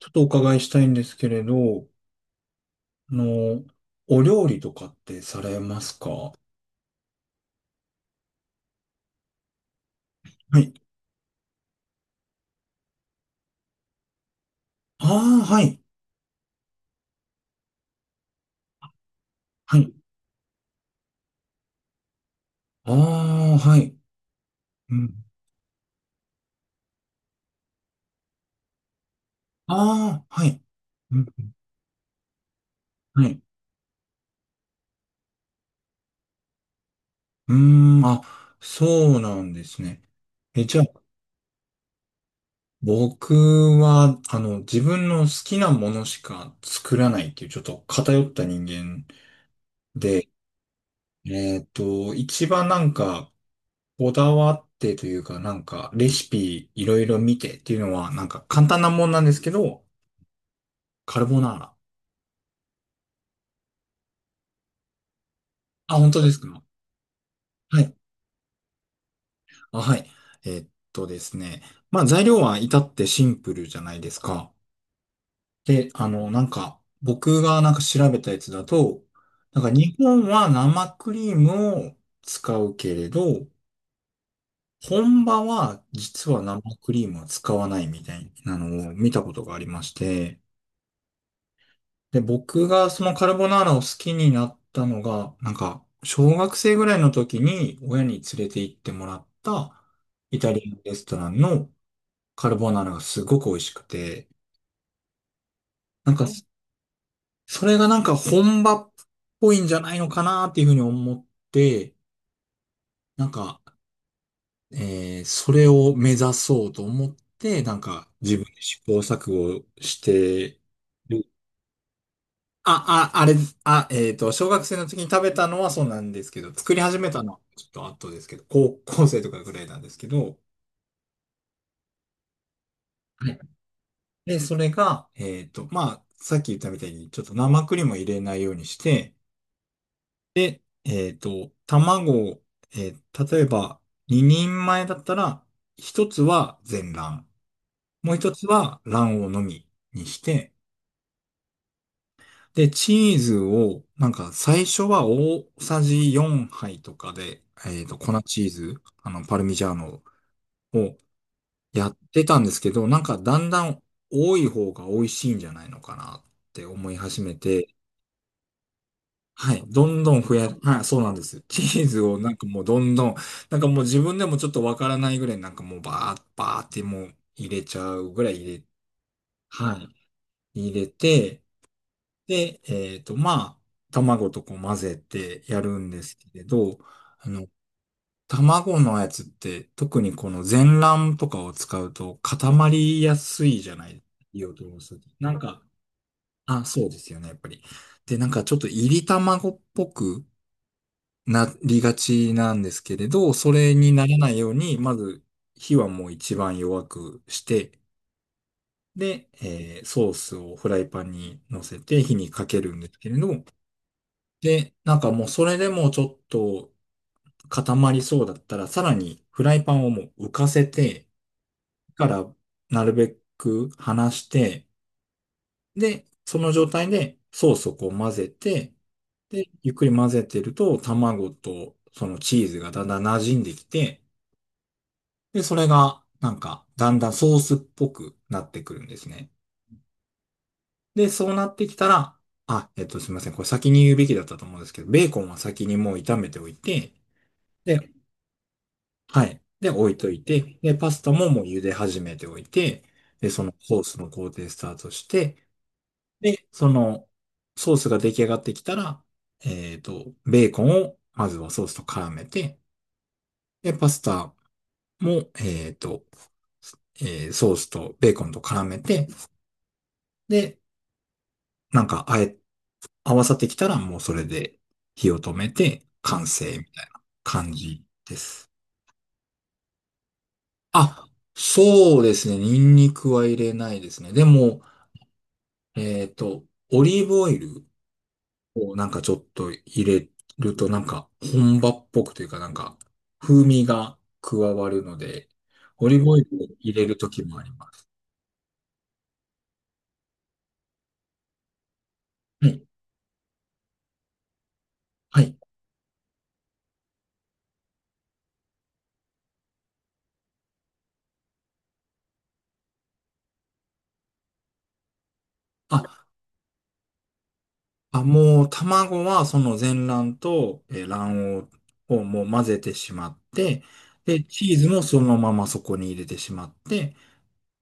ちょっとお伺いしたいんですけれど、あの、お料理とかってされますか？はい。ああ、はい。はい。ああ、はい。うん。ああ、はい。うん。はい。うーん、あ、そうなんですね。え、じゃあ、僕は、あの、自分の好きなものしか作らないっていう、ちょっと偏った人間で、一番なんか、こだわってというか、なんか、レシピいろいろ見てっていうのは、なんか簡単なもんなんですけど、カルボナーラ。あ、本当ですか？はい。あ、はい。ですね。まあ、材料は至ってシンプルじゃないですか。で、あの、なんか、僕がなんか調べたやつだと、なんか日本は生クリームを使うけれど、本場は実は生クリームは使わないみたいなのを見たことがありまして、で、僕がそのカルボナーラを好きになったのが、なんか、小学生ぐらいの時に親に連れて行ってもらったイタリアンレストランのカルボナーラがすごく美味しくて、なんか、それがなんか本場っぽいんじゃないのかなっていうふうに思って、なんか、それを目指そうと思って、なんか自分で試行錯誤してるあ、あれ、あ、小学生の時に食べたのはそうなんですけど、作り始めたのはちょっと後ですけど、高校生とかぐらいなんですけど、はい。で、それが、まあ、さっき言ったみたいに、ちょっと生クリームを入れないようにして、卵を、例えば、2人前だったら、一つは全卵、もう一つは卵黄のみにして、で、チーズを、なんか最初は大さじ4杯とかで、粉チーズ、あの、パルミジャーノをやってたんですけど、なんかだんだん多い方が美味しいんじゃないのかなって思い始めて、はい、どんどん増や、はい、そうなんです。チーズをなんかもうどんどん、なんかもう自分でもちょっとわからないぐらいなんかもうバーッ、バーってもう入れちゃうぐらいはい、入れて、で、まあ、卵とこう混ぜてやるんですけれど、あの、卵のやつって特にこの全卵とかを使うと固まりやすいじゃない、火を通すとき。なんか、あ、そうですよね、やっぱり。で、なんかちょっと入り卵っぽくなりがちなんですけれど、それにならないように、まず火はもう一番弱くして、で、ソースをフライパンに乗せて火にかけるんですけれど、で、なんかもうそれでもちょっと固まりそうだったら、さらにフライパンをもう浮かせて、からなるべく離して、で、その状態でソースをこう混ぜて、で、ゆっくり混ぜてると卵とそのチーズがだんだん馴染んできて、で、それがなんかだんだんソースっぽくなってくるんですね。で、そうなってきたら、あ、すみません。これ先に言うべきだったと思うんですけど、ベーコンは先にもう炒めておいて、で、はい。で、置いといて、で、パスタももう茹で始めておいて、で、そのソースの工程スタートして、で、そのソースが出来上がってきたら、ベーコンをまずはソースと絡めて、で、パスタも、ソースとベーコンと絡めて、で、なんか、合わさってきたらもうそれで火を止めて完成みたいな感じです。あ、そうですね。ニンニクは入れないですね。でも、えっと、オリーブオイルをなんかちょっと入れるとなんか本場っぽくというかなんか風味が加わるので、オリーブオイルを入れるときもあります。はい。はい。あ、あ、もう卵はその全卵と卵黄をもう混ぜてしまって、で、チーズもそのままそこに入れてしまって、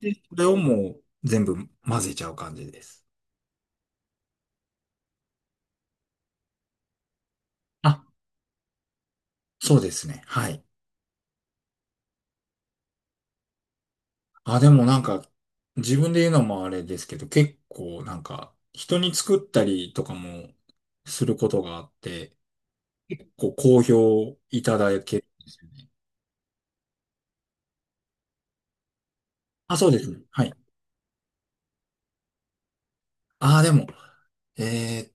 で、それをもう全部混ぜちゃう感じです。あ、そうですね。はい。あ、でもなんか、自分で言うのもあれですけど、結構なんか、人に作ったりとかもすることがあって、こう、好評いただけるんですよね。あ、そうですね。はい。ああ、でも、えーっ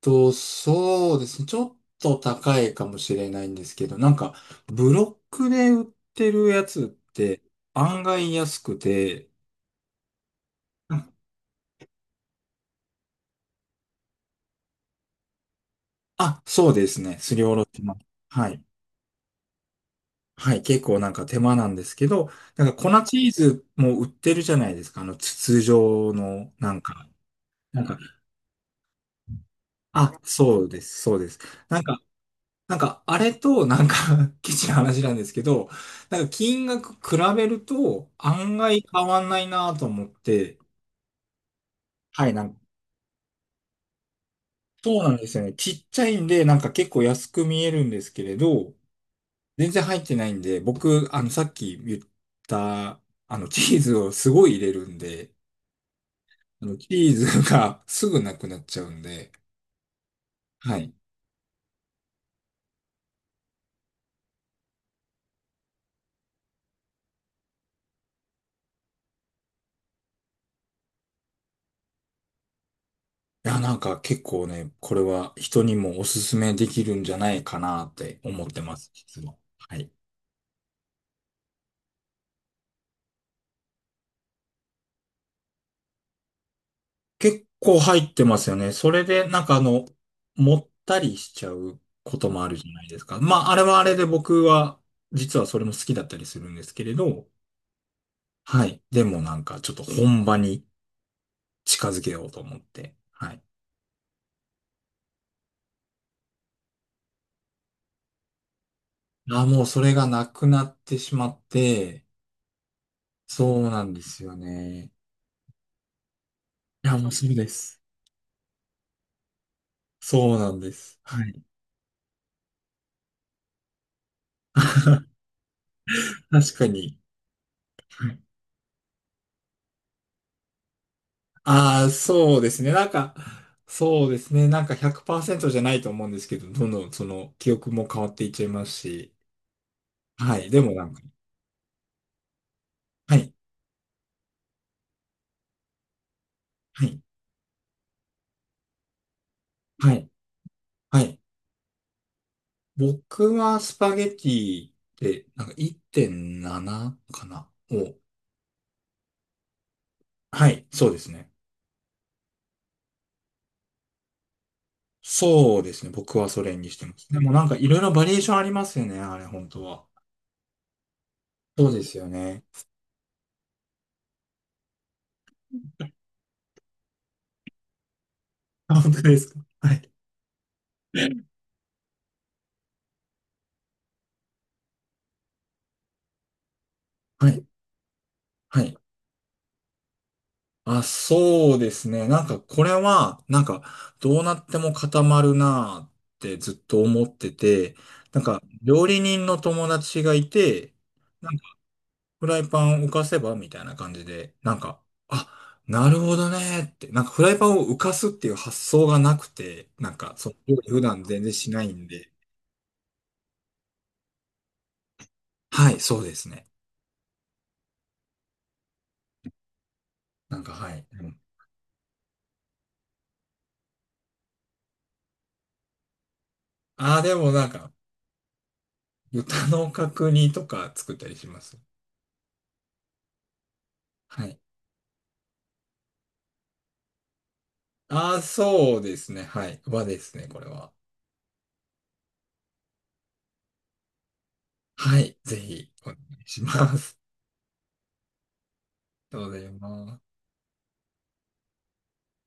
そうですね。ちょっと高いかもしれないんですけど、なんか、ブロックで売ってるやつって案外安くて、あ、そうですね。すりおろします。はい。はい、結構なんか手間なんですけど、なんか粉チーズも売ってるじゃないですか、あの筒状の、なんか、なんか、あ、そうです、そうです。なんか、なんか、あれと、なんか ケチな 話なんですけど、なんか金額比べると案外変わんないなと思って、はい、なんか、そうなんですよね。ちっちゃいんで、なんか結構安く見えるんですけれど、全然入ってないんで、僕、あの、さっき言った、あの、チーズをすごい入れるんで、あの、チーズが すぐなくなっちゃうんで、はい。いや、なんか結構ね、これは人にもおすすめできるんじゃないかなって思ってます、実は。はい。結構入ってますよね。それで、なんかあの、もったりしちゃうこともあるじゃないですか。まあ、あれはあれで僕は、実はそれも好きだったりするんですけれど、はい。でもなんかちょっと本場に近づけようと思って、はい。あ、もうそれがなくなってしまって、そうなんですよね。いや、もうそうです。そうなんです。はい。確かに。はい。ああ、そうですね。なんか、そうですね。なんか100%じゃないと思うんですけど、どんどんその記憶も変わっていっちゃいますし。はい。でもなんか、はい。はい。はい。はい。僕はスパゲティで、なんか1.7かなを。はい。そうですね。そうですね。僕はそれにしてます。でもなんかいろいろバリエーションありますよね。あれ、本当は。そうですよね。あ、本当ですか？はい。はい、はい。あ、そうですね。なんか、これは、なんか、どうなっても固まるなーってずっと思ってて、なんか、料理人の友達がいて、なんか、フライパンを浮かせばみたいな感じで、なんか、あ、なるほどねーって、なんか、フライパンを浮かすっていう発想がなくて、なんか、そう、普段全然しないんで、はい、そうですね。なんか、はい。うん、あー、でもなんか、豚の角煮とか作ったりします。はい。ああ、そうですね。はい。和ですね、これは。はい。ぜひ、お願いします。ありがとうございます。